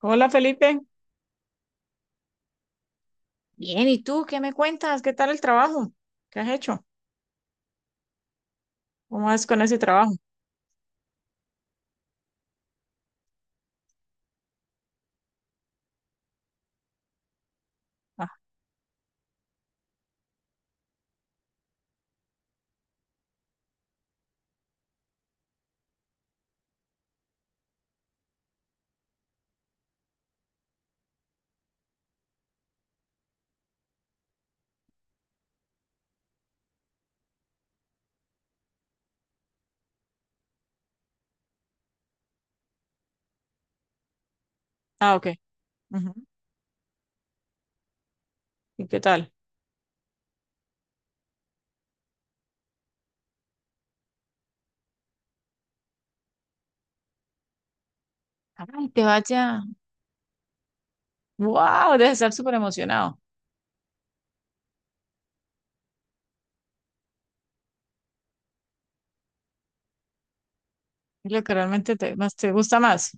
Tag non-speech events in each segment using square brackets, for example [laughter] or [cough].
Hola, Felipe. Bien, ¿y tú qué me cuentas? ¿Qué tal el trabajo? ¿Qué has hecho? ¿Cómo vas con ese trabajo? Ah, ah, ok. Ujú. ¿Y qué tal? Ay, te vaya. Wow, debes estar súper emocionado. Es lo que realmente más te gusta más.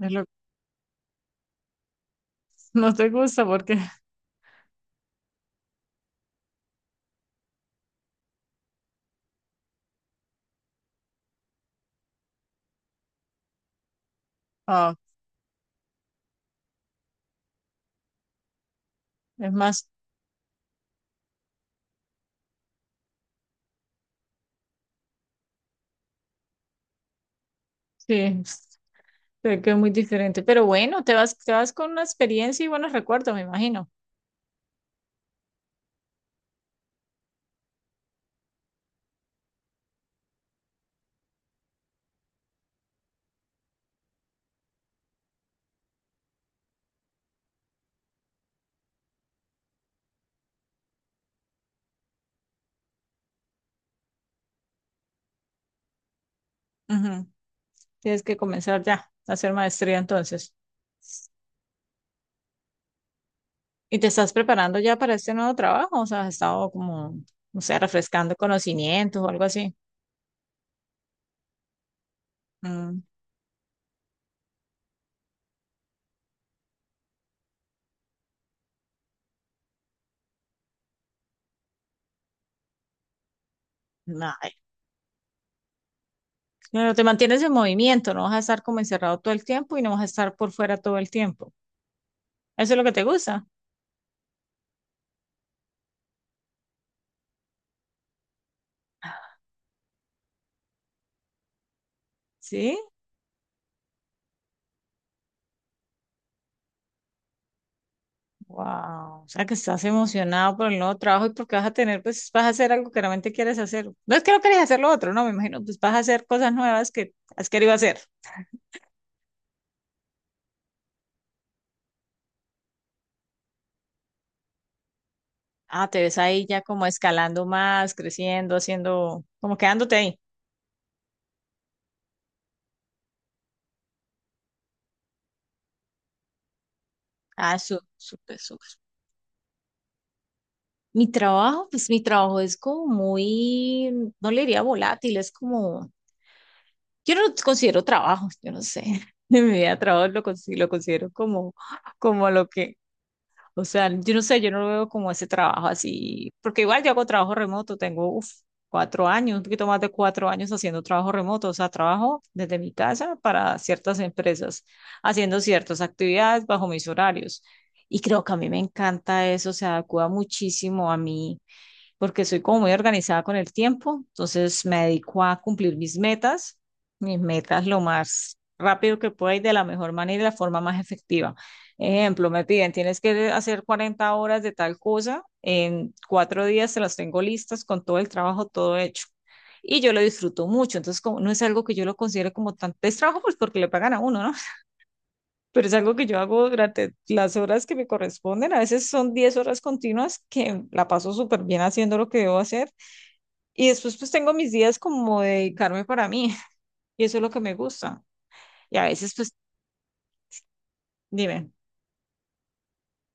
Es lo [laughs] no te gusta porque ah, es más, sí, sé que es muy diferente. Pero bueno, te vas con una experiencia y buenos recuerdos, me imagino. Ujú. Tienes que comenzar ya a hacer maestría entonces. ¿Y te estás preparando ya para este nuevo trabajo? O sea, has estado como, no sé, refrescando conocimientos o algo así. Mm, ay, pero te mantienes en movimiento, no vas a estar como encerrado todo el tiempo y no vas a estar por fuera todo el tiempo. ¿Eso es lo que te gusta? Sí. Wow. O sea, que estás emocionado por el nuevo trabajo y porque vas a tener, pues vas a hacer algo que realmente quieres hacer. No es que no quieres hacer lo otro, no, me imagino, pues vas a hacer cosas nuevas que has querido hacer. Ah, te ves ahí ya como escalando más, creciendo, haciendo, como quedándote ahí. Ah, súper, súper. Mi trabajo, pues mi trabajo es como muy, no le diría volátil, es como, yo no lo considero trabajo, yo no sé, [laughs] en mi vida trabajo lo considero como, como lo que, o sea, yo no sé, yo no lo veo como ese trabajo así, porque igual yo hago trabajo remoto, tengo uf, 4 años, un poquito más de 4 años haciendo trabajo remoto, o sea, trabajo desde mi casa para ciertas empresas, haciendo ciertas actividades bajo mis horarios. Y creo que a mí me encanta eso, se adecua muchísimo a mí porque soy como muy organizada con el tiempo, entonces me dedico a cumplir mis metas lo más rápido que pueda y de la mejor manera y de la forma más efectiva. Ejemplo, me piden, tienes que hacer 40 horas de tal cosa, en 4 días se las tengo listas con todo el trabajo, todo hecho. Y yo lo disfruto mucho, entonces como, no es algo que yo lo considere como tan, es trabajo pues porque le pagan a uno, ¿no? [laughs] Pero es algo que yo hago durante las horas que me corresponden, a veces son 10 horas continuas que la paso súper bien haciendo lo que debo hacer y después pues tengo mis días como de dedicarme para mí [laughs] y eso es lo que me gusta. Y a veces pues dime,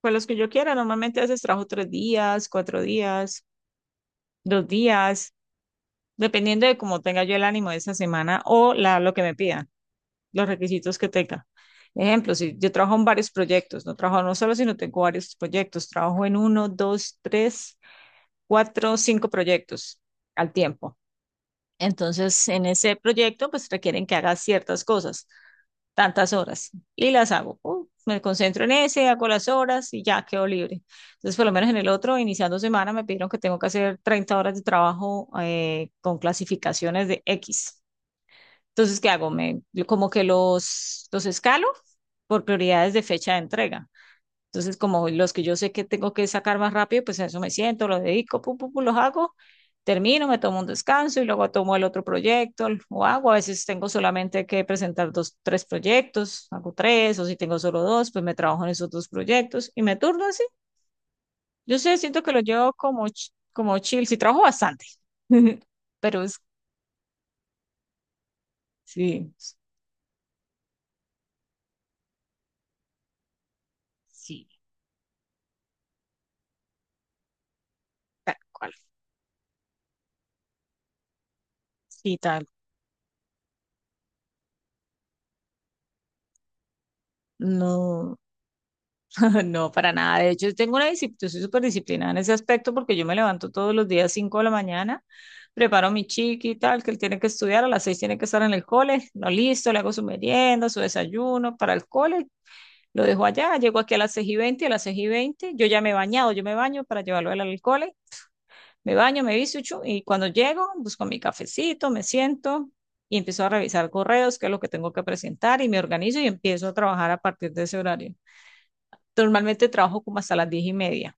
pues los que yo quiera, normalmente a veces trabajo 3 días, 4 días, 2 días, dependiendo de cómo tenga yo el ánimo de esa semana o lo que me pidan, los requisitos que tenga. Ejemplo, si yo trabajo en varios proyectos, no trabajo no solo, sino tengo varios proyectos, trabajo en uno, dos, tres, cuatro, cinco proyectos al tiempo. Entonces, en ese proyecto, pues requieren que haga ciertas cosas, tantas horas y las hago. Me concentro en ese, hago las horas y ya quedo libre. Entonces, por lo menos en el otro, iniciando semana, me pidieron que tengo que hacer 30 horas de trabajo con clasificaciones de X. Entonces, ¿qué hago? Me, yo como que los escalo por prioridades de fecha de entrega. Entonces, como los que yo sé que tengo que sacar más rápido, pues a eso me siento, lo dedico, pum, pum, pum, los hago, termino, me tomo un descanso y luego tomo el otro proyecto o hago. A veces tengo solamente que presentar dos, tres proyectos, hago tres, o si tengo solo dos, pues me trabajo en esos dos proyectos y me turno así. Yo sé, siento que lo llevo como, como chill, sí trabajo bastante, [laughs] pero es, sí, sí, tal cual, sí, tal. No. [laughs] No, para nada. De hecho, tengo una disciplina, yo soy súper disciplinada en ese aspecto porque yo me levanto todos los días 5 de la mañana, preparo a mi chiqui y tal, que él tiene que estudiar, a las 6 tiene que estar en el cole, no listo, le hago su merienda, su desayuno para el cole, lo dejo allá, llego aquí a las 6:20. A las 6:20, yo ya me he bañado, yo me baño para llevarlo a él al cole, me baño, me visto y chu, y cuando llego, busco mi cafecito, me siento y empiezo a revisar correos, qué es lo que tengo que presentar y me organizo y empiezo a trabajar a partir de ese horario. Normalmente trabajo como hasta las 10:30.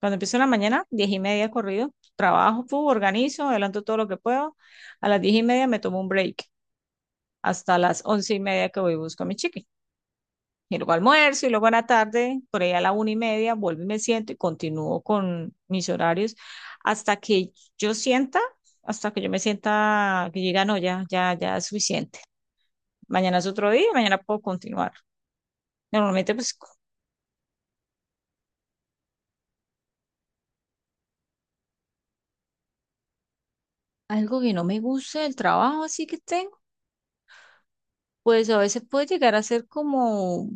Cuando empiezo en la mañana, 10:30 corrido, trabajo, fu, organizo, adelanto todo lo que puedo. A las 10:30 me tomo un break hasta las 11:30 que voy y busco a mi chiqui. Y luego almuerzo y luego a la tarde, por ahí a la 1:30, vuelvo y me siento y continúo con mis horarios hasta que yo sienta, hasta que yo me sienta que llega, no, ya, ya, ya es suficiente. Mañana es otro día, mañana puedo continuar. Normalmente, pues, algo que no me gusta del trabajo, así que tengo pues a veces puede llegar a ser como,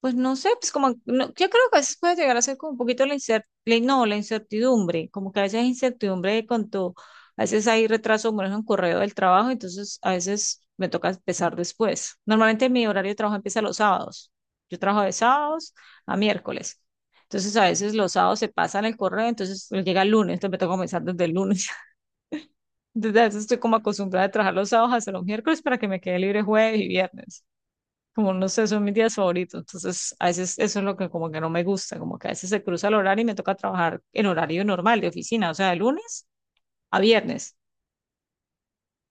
pues no sé, pues como, no, yo creo que a veces puede llegar a ser como un poquito la incertidumbre, no, la incertidumbre, como que a veces hay incertidumbre de cuanto, a veces hay retraso, bueno ejemplo, un correo del trabajo, entonces a veces me toca empezar después. Normalmente mi horario de trabajo empieza los sábados. Yo trabajo de sábados a miércoles. Entonces a veces los sábados se pasan el correo, entonces llega el lunes, entonces me toca comenzar desde el lunes. [laughs] Entonces a veces estoy como acostumbrada a trabajar los sábados hasta los miércoles para que me quede libre jueves y viernes, como no sé, son mis días favoritos. Entonces, a veces eso es lo que como que no me gusta, como que a veces se cruza el horario y me toca trabajar en horario normal de oficina, o sea, de lunes a viernes.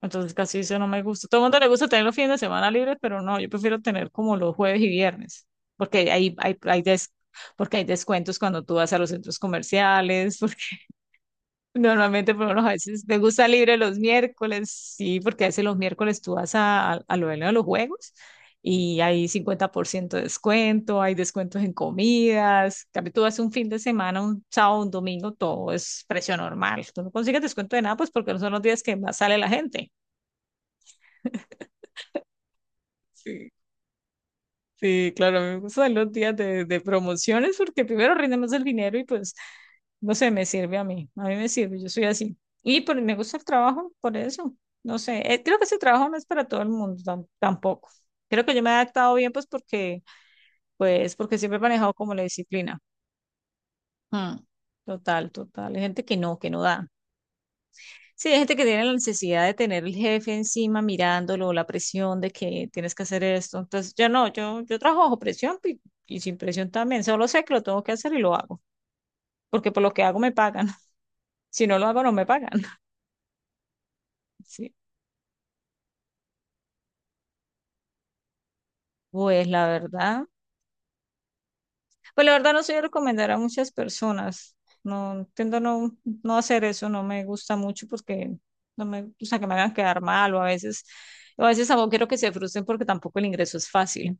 Entonces, casi eso no me gusta. Todo el mundo le gusta tener los fines de semana libres, pero no, yo prefiero tener como los jueves y viernes, porque hay, hay, hay, des- porque hay descuentos cuando tú vas a los centros comerciales. [laughs] Normalmente, por lo menos, a veces me gusta libre los miércoles, sí, porque a veces los miércoles tú vas a lo de los juegos y hay 50% de descuento, hay descuentos en comidas. En cambio, tú vas un fin de semana, un sábado, un domingo, todo es precio normal. Tú no consigues descuento de nada, pues porque no son los días que más sale la gente. Sí, claro, a mí me gustan los días de promociones porque primero rinde más el dinero y pues, no sé, me sirve a mí me sirve, yo soy así. Y por, me gusta el trabajo, por eso, no sé, creo que ese trabajo no es para todo el mundo tampoco. Creo que yo me he adaptado bien pues porque siempre he manejado como la disciplina. Mm, total, total, hay gente que no da. Sí, hay gente que tiene la necesidad de tener el jefe encima mirándolo, la presión de que tienes que hacer esto. Entonces, yo no, yo trabajo bajo presión y, sin presión también. Solo sé que lo tengo que hacer y lo hago, porque por lo que hago me pagan. [laughs] Si no lo hago, no me pagan. [laughs] Sí. Pues la verdad, pues la verdad, no soy de recomendar a muchas personas. No, tiendo a no hacer eso, no me gusta mucho porque no me gusta que me hagan quedar mal o a veces tampoco quiero que se frustren porque tampoco el ingreso es fácil.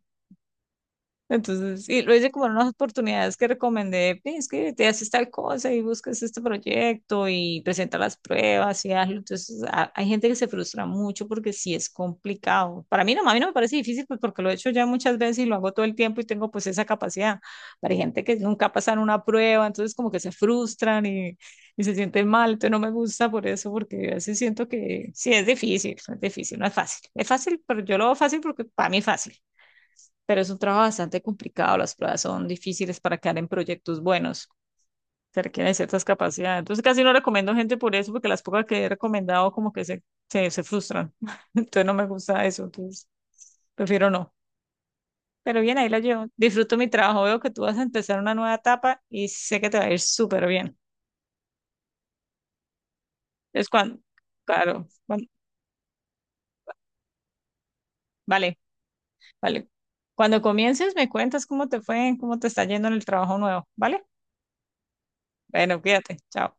Entonces, y lo hice como en unas oportunidades que recomendé, "Ve, es que te haces tal cosa y buscas este proyecto y presenta las pruebas y hazlo". Entonces, hay gente que se frustra mucho porque sí es complicado. Para mí no, a mí no me parece difícil pues porque lo he hecho ya muchas veces y lo hago todo el tiempo y tengo pues esa capacidad. Pero hay gente que nunca pasan una prueba, entonces como que se frustran y se sienten mal. Entonces no me gusta por eso porque a veces siento que sí es difícil, no es fácil. Es fácil, pero yo lo veo fácil porque para mí es fácil, pero es un trabajo bastante complicado, las pruebas son difíciles para quedar en proyectos buenos, se requieren ciertas capacidades. Entonces casi no recomiendo gente por eso, porque las pocas que he recomendado como que se frustran. [laughs] Entonces no me gusta eso, entonces prefiero no. Pero bien, ahí la llevo. Disfruto mi trabajo, veo que tú vas a empezar una nueva etapa y sé que te va a ir súper bien. Es cuando, claro, vale, vale. Cuando comiences me cuentas cómo te fue, cómo te está yendo en el trabajo nuevo, ¿vale? Bueno, cuídate, chao.